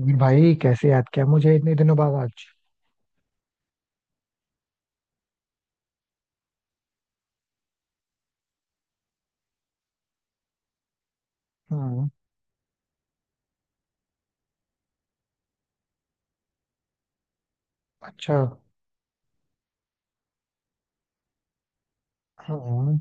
वीर भाई कैसे याद किया मुझे इतने दिनों बाद आज। हाँ। अच्छा। हाँ हाँ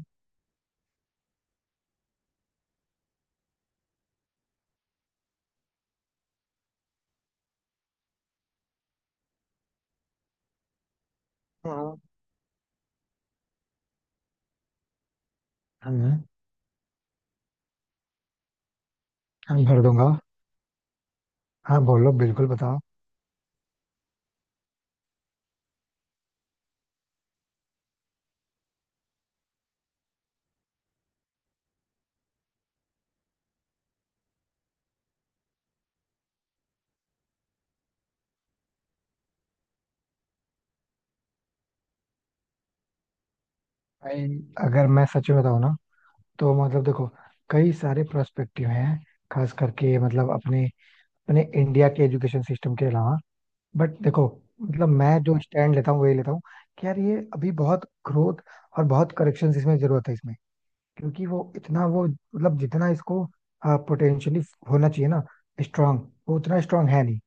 हाँ। हाँ, भर दूंगा। हाँ बोलो बिल्कुल बताओ। भाई अगर मैं सच में बताऊँ ना तो मतलब देखो, कई सारे प्रोस्पेक्टिव हैं, खास करके मतलब अपने अपने इंडिया के एजुकेशन सिस्टम के अलावा। बट देखो, मतलब मैं जो स्टैंड लेता हूँ वही लेता हूँ कि यार ये अभी बहुत ग्रोथ और बहुत करेक्शन इसमें जरूरत है इसमें। क्योंकि वो इतना वो मतलब जितना इसको पोटेंशियली होना चाहिए ना, स्ट्रांग, वो उतना स्ट्रांग है नहीं।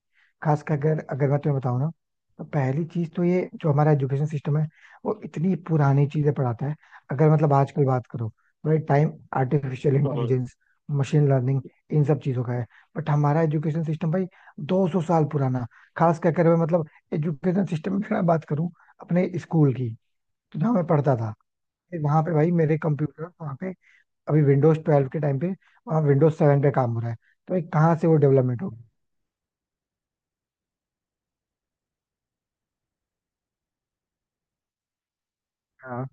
खास कर अगर अगर मैं तुम्हें बताऊं ना, तो पहली चीज तो ये जो हमारा एजुकेशन सिस्टम है, वो इतनी पुरानी चीजें पढ़ाता है। अगर मतलब आजकल बात करो भाई, टाइम आर्टिफिशियल और इंटेलिजेंस, मशीन लर्निंग, इन सब चीजों का है। बट हमारा एजुकेशन सिस्टम भाई 200 साल पुराना। खास कर अगर मैं मतलब एजुकेशन सिस्टम में मैं बात करूं अपने स्कूल की, तो जहाँ मैं पढ़ता था वहां पे भाई मेरे कंप्यूटर वहां पे, अभी विंडोज ट्वेल्व के टाइम पे वहाँ विंडोज सेवन पे काम हो रहा है, तो भाई कहाँ से वो डेवलपमेंट होगी। हाँ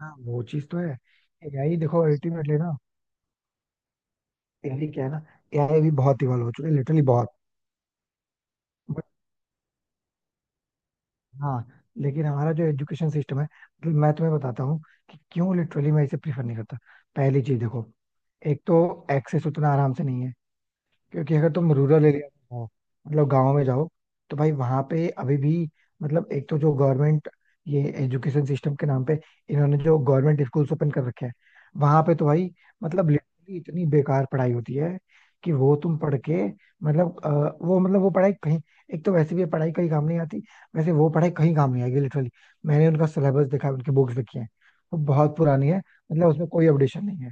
हाँ वो चीज तो है। एआई देखो अल्टीमेटली ना, एआई क्या है ना, एआई भी बहुत इवॉल्व हो चुकी है लिटरली बहुत। बट हाँ, लेकिन हमारा जो एजुकेशन सिस्टम है, मतलब मैं तुम्हें बताता हूँ कि क्यों लिटरली मैं इसे प्रीफर नहीं करता। पहली चीज देखो, एक तो एक्सेस उतना आराम से नहीं। क्योंकि अगर तुम रूरल एरिया में हो, मतलब गांव में जाओ, तो भाई वहां पे अभी भी मतलब एक तो जो गवर्नमेंट ये एजुकेशन सिस्टम के नाम पे इन्होंने जो गवर्नमेंट स्कूल्स ओपन कर रखे हैं, वहां पे तो भाई मतलब लिटरली इतनी बेकार पढ़ाई होती है कि वो तुम पढ़ के मतलब वो मतलब वो पढ़ाई कहीं, एक तो वैसे भी ये पढ़ाई कहीं काम नहीं आती, वैसे वो पढ़ाई कहीं काम नहीं आएगी लिटरली। मैंने उनका सिलेबस देखा है, उनकी बुक्स देखी है, वो बहुत पुरानी है, मतलब उसमें कोई अपडेशन नहीं है।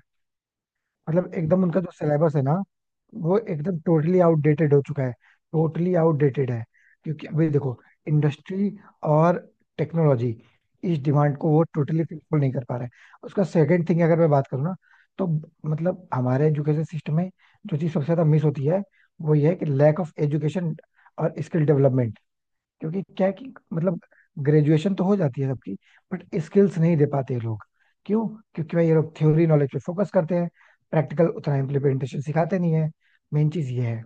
मतलब एकदम उनका जो सिलेबस है ना, वो एकदम टोटली आउटडेटेड हो चुका है, टोटली आउटडेटेड है। क्योंकि अभी देखो इंडस्ट्री और टेक्नोलॉजी, इस डिमांड को वो टोटली फुलफिल नहीं कर पा रहे हैं। उसका सेकंड थिंग अगर मैं बात करूँ ना, तो मतलब हमारे एजुकेशन सिस्टम में जो चीज़ सबसे ज्यादा मिस होती है, वो ये है कि लैक ऑफ एजुकेशन और स्किल डेवलपमेंट। क्योंकि क्या है कि मतलब ग्रेजुएशन तो हो जाती है सबकी, बट स्किल्स नहीं दे पाते ये लोग। क्यों? क्योंकि भाई ये लोग थ्योरी नॉलेज पे फोकस करते हैं, प्रैक्टिकल उतना इम्प्लीमेंटेशन सिखाते नहीं है। मेन चीज ये है।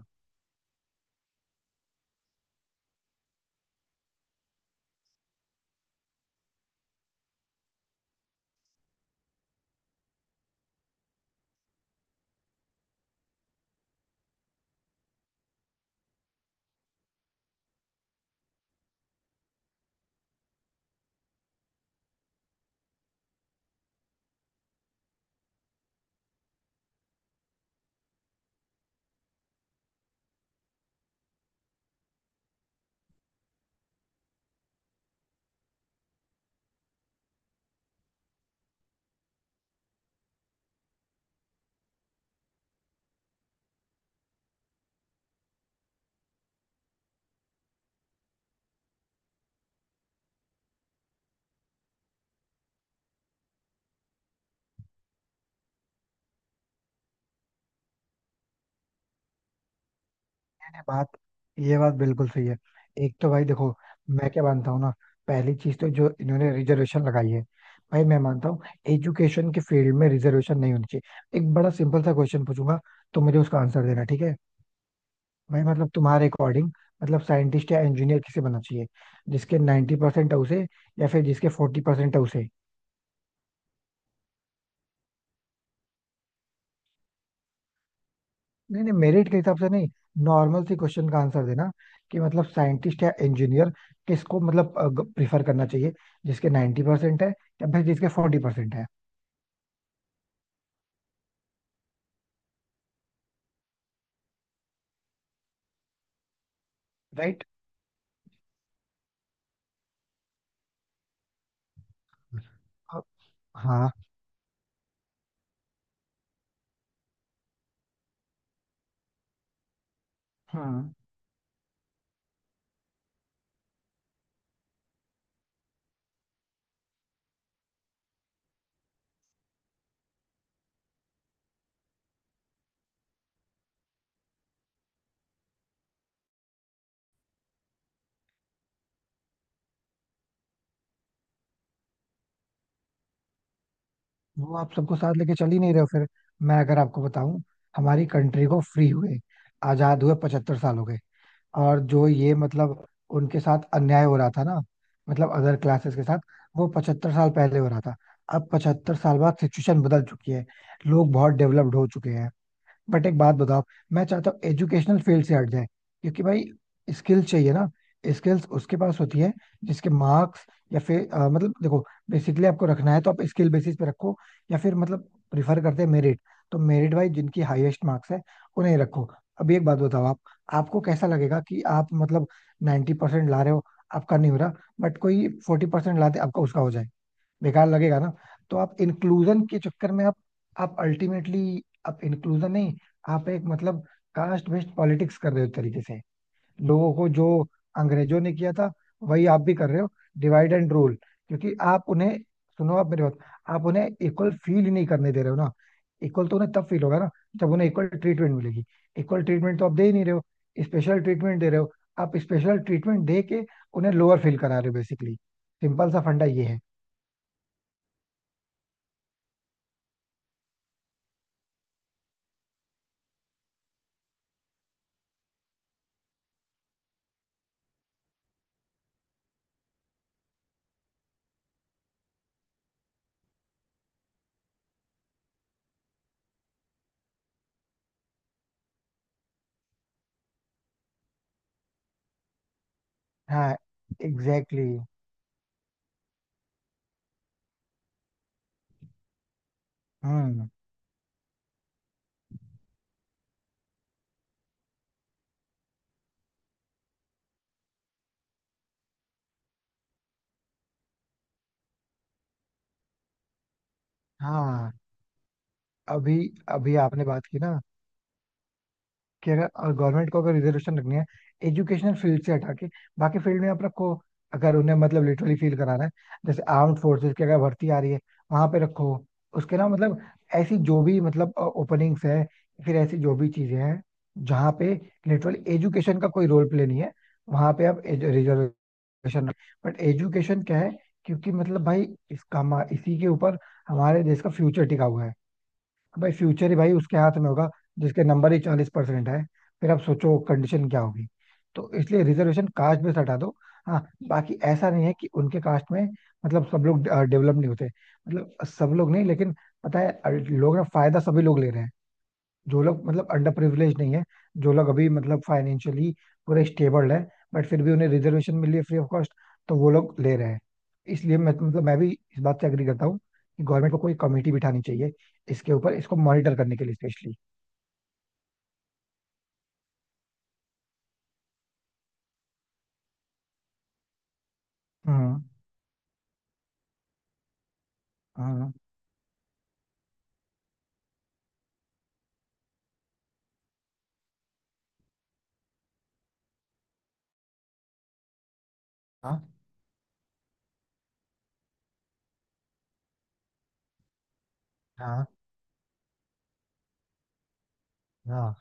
ये बात ये बात बिल्कुल सही है। एक तो भाई देखो, मैं क्या मानता हूँ ना, पहली चीज तो जो इन्होंने रिजर्वेशन लगाई है, भाई मैं मानता हूँ एजुकेशन के फील्ड में रिजर्वेशन नहीं होनी चाहिए। एक बड़ा सिंपल सा क्वेश्चन पूछूंगा, तो मुझे उसका आंसर देना, ठीक है? भाई मतलब तुम्हारे अकॉर्डिंग, मतलब साइंटिस्ट या इंजीनियर किसे बनना चाहिए? जिसके 90% है उसे, या फिर जिसके 40% है उसे? नहीं नहीं मेरिट के हिसाब से नहीं, नॉर्मल सी क्वेश्चन का आंसर देना कि मतलब साइंटिस्ट या इंजीनियर किसको मतलब प्रिफर करना चाहिए, जिसके 90% है, या फिर जिसके 40% है? राइट। अब- हाँ हाँ, वो आप सबको साथ लेके चल ही नहीं रहे हो फिर। मैं अगर आपको बताऊं, हमारी कंट्री को फ्री हुए, आजाद हुए 75 साल हो गए। और जो ये मतलब उनके साथ अन्याय हो रहा था ना, मतलब अदर क्लासेस के साथ, वो 75 साल पहले हो रहा था। अब 75 साल बाद सिचुएशन बदल चुकी है, लोग बहुत डेवलप्ड हो चुके हैं। बट एक बात बताओ, मैं चाहता हूँ एजुकेशनल फील्ड से हट जाए। क्योंकि भाई स्किल्स चाहिए ना, स्किल्स उसके पास होती है जिसके मार्क्स, या फिर मतलब देखो बेसिकली आपको रखना है तो आप स्किल बेसिस पे रखो, या फिर मतलब प्रिफर करते हैं मेरिट, तो मेरिट वाइज जिनकी हाईएस्ट मार्क्स है उन्हें रखो। अभी एक बात बताओ आप, आपको कैसा लगेगा कि आप मतलब 90% ला रहे हो, आपका नहीं हो रहा, बट कोई 40% ला दे आपका उसका हो जाए? बेकार लगेगा ना। तो आप इंक्लूजन के चक्कर में आप अल्टीमेटली आप इंक्लूजन नहीं, आप एक मतलब कास्ट बेस्ड पॉलिटिक्स कर रहे हो एक तरीके से। लोगों को जो अंग्रेजों ने किया था, वही आप भी कर रहे हो, डिवाइड एंड रूल। क्योंकि आप उन्हें, सुनो आप मेरी बात, आप उन्हें इक्वल फील ही नहीं करने दे रहे हो ना। इक्वल तो उन्हें तब फील होगा ना जब उन्हें इक्वल ट्रीटमेंट मिलेगी, इक्वल ट्रीटमेंट तो आप दे ही नहीं रहे हो, स्पेशल ट्रीटमेंट दे रहे हो। आप स्पेशल ट्रीटमेंट दे के उन्हें लोअर फील करा रहे हो, बेसिकली सिंपल सा फंडा ये है। हाँ एग्जैक्टली exactly। हम्म। हाँ। अभी अभी आपने बात की ना कि अगर गवर्नमेंट को अगर रिजर्वेशन रखनी है, एजुकेशनल फील्ड से हटा के बाकी फील्ड में आप रखो। अगर उन्हें मतलब लिटरली फील कराना है, जैसे आर्म्ड फोर्सेस की अगर भर्ती आ रही है, वहां पे रखो। उसके ना मतलब ऐसी जो भी मतलब ओपनिंग्स है, फिर ऐसी जो भी चीजें हैं जहाँ पे लिटरली एजुकेशन का कोई रोल प्ले नहीं है, वहां पे आप रिजर्वेशन। एजुकेशन, बट एजुकेशन क्या है, क्योंकि मतलब भाई इसी के ऊपर हमारे देश का फ्यूचर टिका हुआ है। भाई फ्यूचर ही भाई उसके हाथ में होगा जिसके नंबर ही 40% है, फिर आप सोचो कंडीशन क्या होगी। तो इसलिए रिजर्वेशन कास्ट में से हटा दो। हाँ, बाकी ऐसा नहीं है कि उनके कास्ट में मतलब सब लोग डेवलप नहीं होते, मतलब सब लोग नहीं, लेकिन पता है लोग ना फायदा सभी लोग ले रहे हैं, जो लोग मतलब अंडर प्रिविलेज नहीं है, जो लोग अभी मतलब फाइनेंशियली पूरे स्टेबल है, बट फिर भी उन्हें रिजर्वेशन मिली है फ्री ऑफ कॉस्ट, तो वो लोग ले रहे हैं। इसलिए मतलब मैं भी इस बात से एग्री करता हूँ कि गवर्नमेंट को कोई कमेटी बिठानी चाहिए इसके ऊपर, इसको मॉनिटर करने के लिए स्पेशली। हम्म हम्म। हाँ हाँ। हाँ,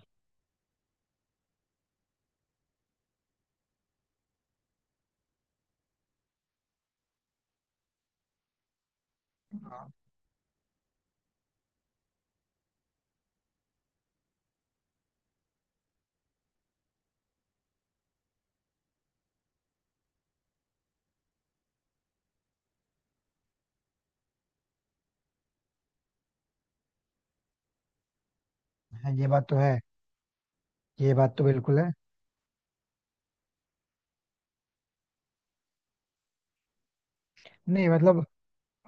हाँ, ये बात तो है, ये बात तो बिल्कुल है। नहीं मतलब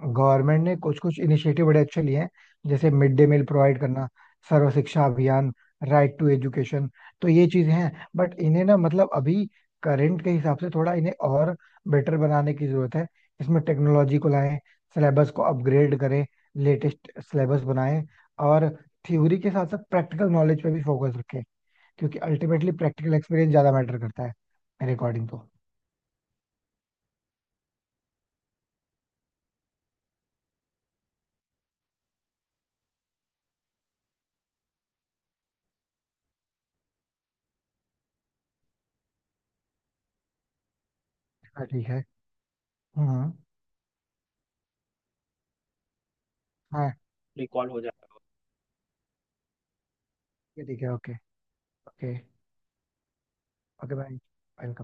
गवर्नमेंट ने कुछ कुछ इनिशिएटिव बड़े अच्छे लिए हैं, जैसे मिड डे मील प्रोवाइड करना, Sarva Shiksha Abhiyan, right to education. तो ये चीजें हैं, बट इन्हें ना मतलब अभी करंट के हिसाब से थोड़ा इन्हें और बेटर बनाने की जरूरत है। इसमें टेक्नोलॉजी को लाएं, सिलेबस को अपग्रेड करें, लेटेस्ट सिलेबस बनाएं, और थ्योरी के साथ साथ प्रैक्टिकल नॉलेज पे भी फोकस रखें, क्योंकि अल्टीमेटली प्रैक्टिकल एक्सपीरियंस ज्यादा मैटर करता है मेरे अकॉर्डिंग तो। हाँ ठीक है। हम्म। हाँ, रिकॉल हो जाए। ठीक है, ओके। ओके। ओके भाई, वेलकम।